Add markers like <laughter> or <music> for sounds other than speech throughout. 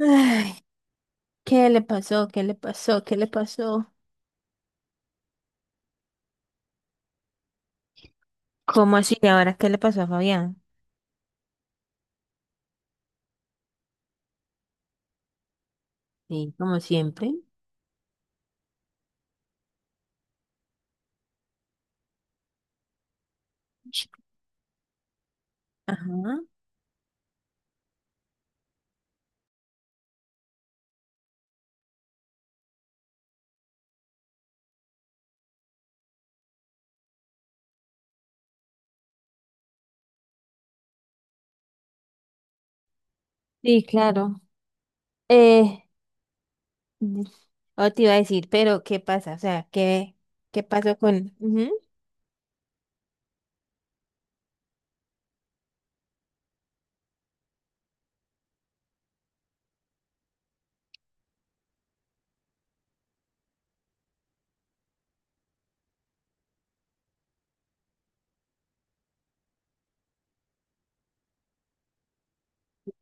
Ay, ¿qué le pasó? ¿Qué le pasó? ¿Qué le pasó? ¿Cómo así? ¿Y ahora qué le pasó a Fabián? Sí, como siempre. Ajá. Sí, claro. Eh, mm, o te iba a decir, pero ¿qué pasa? O sea, ¿qué pasó con...? Ujú.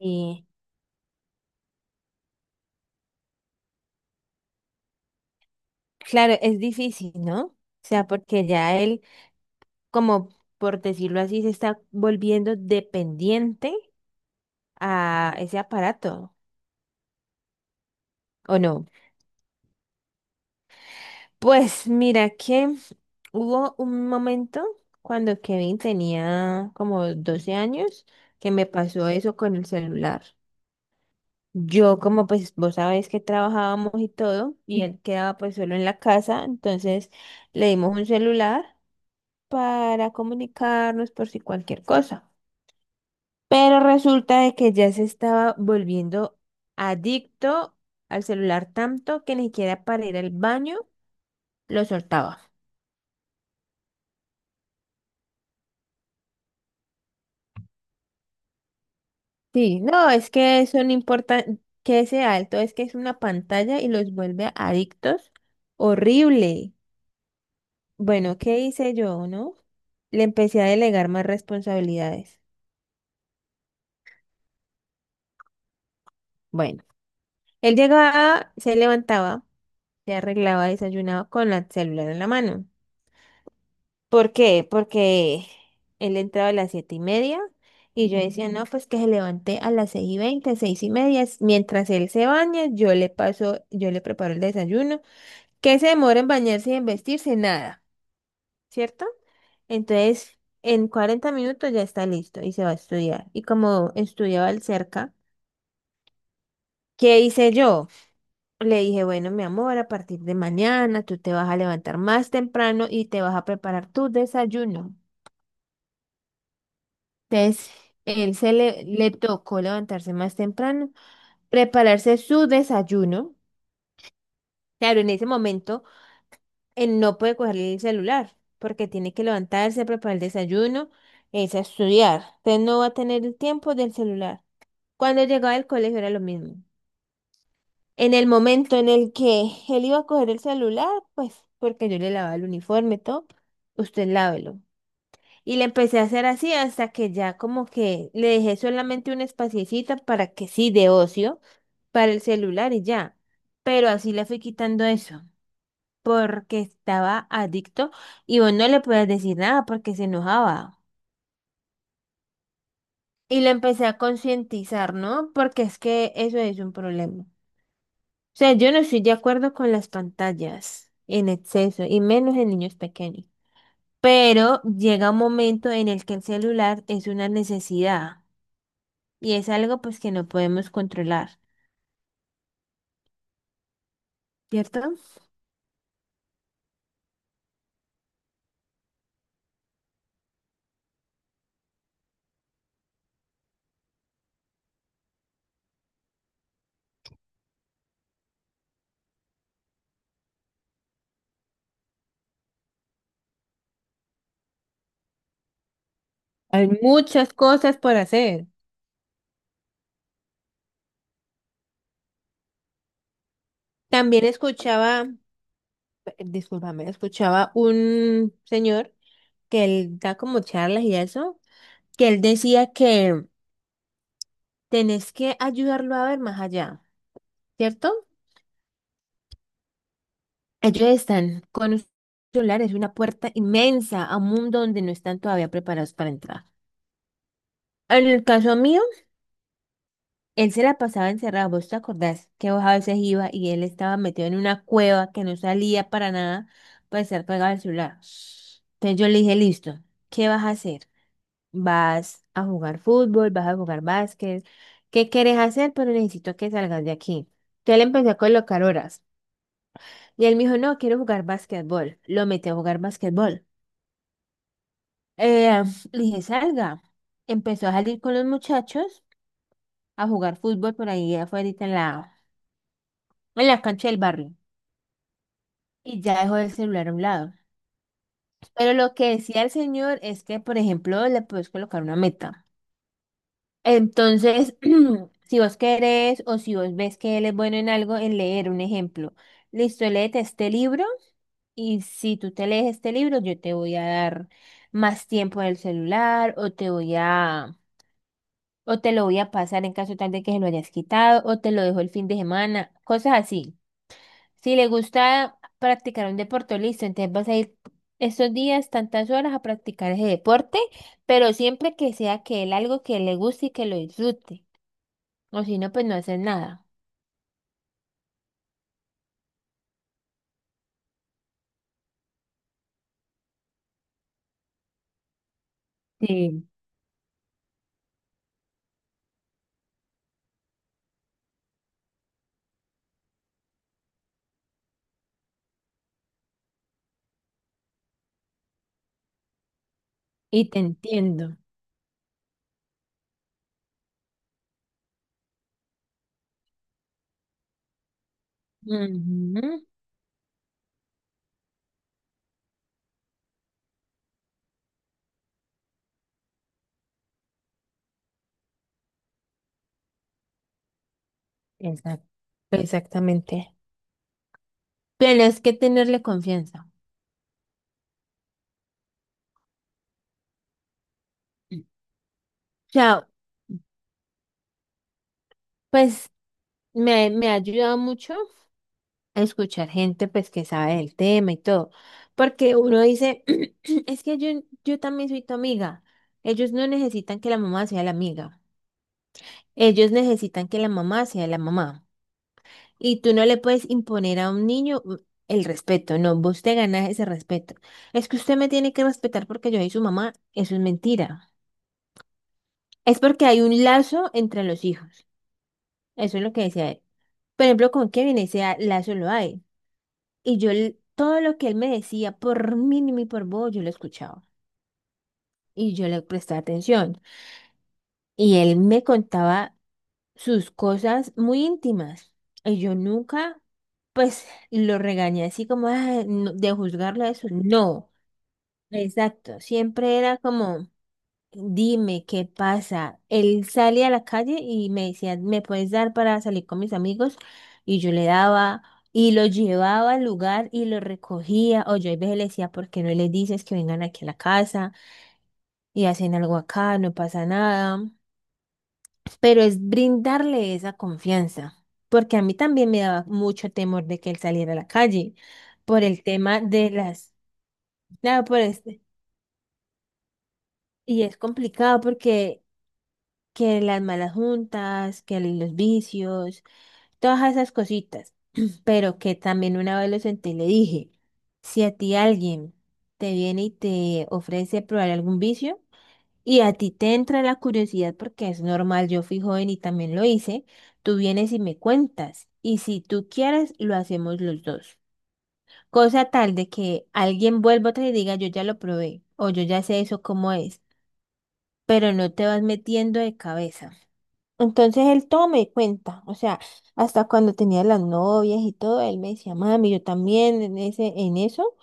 Y claro, es difícil, ¿no? O sea, porque ya él, como por decirlo así, se está volviendo dependiente a ese aparato, ¿o no? Pues mira que hubo un momento cuando Kevin tenía como 12 años que me pasó eso con el celular. Yo como pues vos sabés que trabajábamos y todo y él quedaba pues solo en la casa, entonces le dimos un celular para comunicarnos por si cualquier cosa. Pero resulta de que ya se estaba volviendo adicto al celular tanto que ni siquiera para ir al baño lo soltaba. Sí, no, es que son importantes, que ese alto es que es una pantalla y los vuelve adictos. Horrible. Bueno, ¿qué hice yo, no? Le empecé a delegar más responsabilidades. Bueno, él llegaba, se levantaba, se arreglaba, desayunaba con la celular en la mano. ¿Por qué? Porque él entraba a las 7:30 y yo decía, no, pues que se levante a las 6:20, 6:30. Mientras él se baña, yo le paso, yo le preparo el desayuno que se demora en bañarse y en vestirse. Nada, ¿cierto? Entonces, en 40 minutos ya está listo y se va a estudiar. Y como estudiaba él cerca, ¿qué hice yo? Le dije, bueno, mi amor, a partir de mañana tú te vas a levantar más temprano y te vas a preparar tu desayuno. Entonces, él le tocó levantarse más temprano, prepararse su desayuno. Claro, en ese momento él no puede coger el celular porque tiene que levantarse, preparar el desayuno, es a estudiar. Entonces no va a tener el tiempo del celular. Cuando llegaba al colegio era lo mismo. En el momento en el que él iba a coger el celular, pues porque yo le lavaba el uniforme, todo, usted lávelo. Y le empecé a hacer así hasta que ya como que le dejé solamente un espaciecito para que sí, de ocio, para el celular y ya. Pero así le fui quitando eso porque estaba adicto y vos no le podías decir nada porque se enojaba. Y lo empecé a concientizar, ¿no? Porque es que eso es un problema. O sea, yo no estoy de acuerdo con las pantallas en exceso y menos en niños pequeños. Pero llega un momento en el que el celular es una necesidad y es algo pues que no podemos controlar, ¿cierto? Hay muchas cosas por hacer. También escuchaba, discúlpame, escuchaba un señor que él da como charlas y eso, que él decía que tenés que ayudarlo a ver más allá, ¿cierto? Ellos están con un celular, es una puerta inmensa a un mundo donde no están todavía preparados para entrar. En el caso mío, él se la pasaba encerrado. ¿Vos te acordás que vos a veces iba y él estaba metido en una cueva que no salía para nada para estar pegado al celular? Entonces yo le dije, listo, ¿qué vas a hacer? Vas a jugar fútbol, vas a jugar básquet, ¿qué quieres hacer? Pero necesito que salgas de aquí. Entonces le empecé a colocar horas. Y él me dijo, no, quiero jugar básquetbol. Lo metí a jugar básquetbol. Eh, <sniffs> le dije, salga. Empezó a salir con los muchachos a jugar fútbol por ahí afuera en la cancha del barrio. Y ya dejó el celular a un lado. Pero lo que decía el señor es que, por ejemplo, le puedes colocar una meta. Entonces, <clears throat> si vos querés o si vos ves que él es bueno en algo, en leer un ejemplo. Listo, léete este libro y si tú te lees este libro, yo te voy a dar más tiempo en el celular o te lo voy a pasar en caso tal de que se lo hayas quitado o te lo dejo el fin de semana, cosas así. Si le gusta practicar un deporte, listo, entonces vas a ir estos días, tantas horas a practicar ese deporte, pero siempre que sea que él algo que le guste y que lo disfrute. O si no, pues no haces nada. Sí, y te entiendo. Ujú. Exacto. Exactamente. Pero es que tenerle confianza. O sea, pues me ha ayudado mucho a escuchar gente pues que sabe del tema y todo. Porque uno dice, <clears throat> es que yo también soy tu amiga. Ellos no necesitan que la mamá sea la amiga. Ellos necesitan que la mamá sea la mamá. Y tú no le puedes imponer a un niño el respeto, no, vos te ganas ese respeto. Es que usted me tiene que respetar porque yo soy su mamá, eso es mentira. Es porque hay un lazo entre los hijos, eso es lo que decía él. Por ejemplo, con Kevin ese lazo lo hay. Y yo todo lo que él me decía, por mínimo y por vos, yo lo escuchaba. Y yo le prestaba atención. Y él me contaba sus cosas muy íntimas. Y yo nunca, pues, lo regañé así como "Ay, no", de juzgarla eso. No, exacto. Siempre era como, dime qué pasa. Él salía a la calle y me decía, ¿me puedes dar para salir con mis amigos? Y yo le daba. Y lo llevaba al lugar y lo recogía. O yo a veces le decía, ¿por qué no les dices que vengan aquí a la casa y hacen algo acá? No pasa nada, pero es brindarle esa confianza, porque a mí también me daba mucho temor de que él saliera a la calle por el tema de claro, y es complicado porque que las malas juntas, que los vicios, todas esas cositas, <clears throat> pero que también una vez lo senté y le dije, si a ti alguien te viene y te ofrece probar algún vicio, y a ti te entra la curiosidad porque es normal, yo fui joven y también lo hice, tú vienes y me cuentas. Y si tú quieres, lo hacemos los dos. Cosa tal de que alguien vuelva otra y diga, yo ya lo probé o yo ya sé eso cómo es, pero no te vas metiendo de cabeza. Entonces él todo me cuenta, o sea, hasta cuando tenía las novias y todo, él me decía, mami, yo también en eso,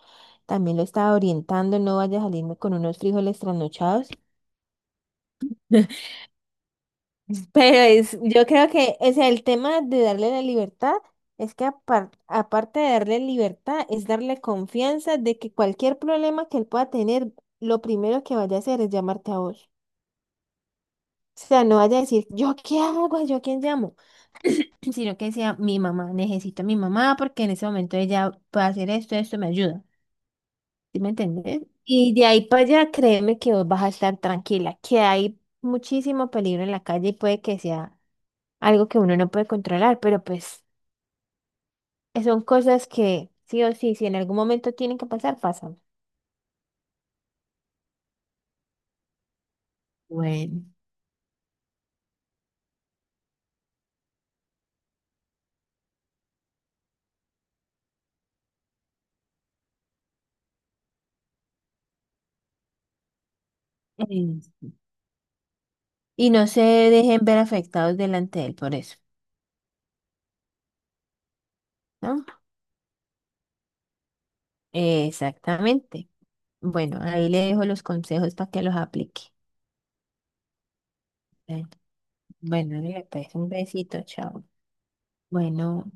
también lo estaba orientando, no vaya a salirme con unos frijoles trasnochados. <laughs> Pero es, yo creo que, o sea, el tema de darle la libertad es que aparte de darle libertad, es darle confianza de que cualquier problema que él pueda tener, lo primero que vaya a hacer es llamarte a vos. O sea, no vaya a decir, ¿yo qué hago? ¿Yo quién llamo? <clears throat> Sino que sea mi mamá, necesito a mi mamá porque en ese momento ella puede hacer esto, esto me ayuda. ¿Sí me entendés? Y de ahí para allá, créeme que vos vas a estar tranquila, que hay muchísimo peligro en la calle y puede que sea algo que uno no puede controlar, pero pues son cosas que sí o sí, si en algún momento tienen que pasar, pasan. Bueno, eh, y no se dejen ver afectados delante de él por eso, ¿no? Exactamente. Bueno, ahí le dejo los consejos para que los aplique. Bueno, bueno, le pues un besito, chao. Bueno.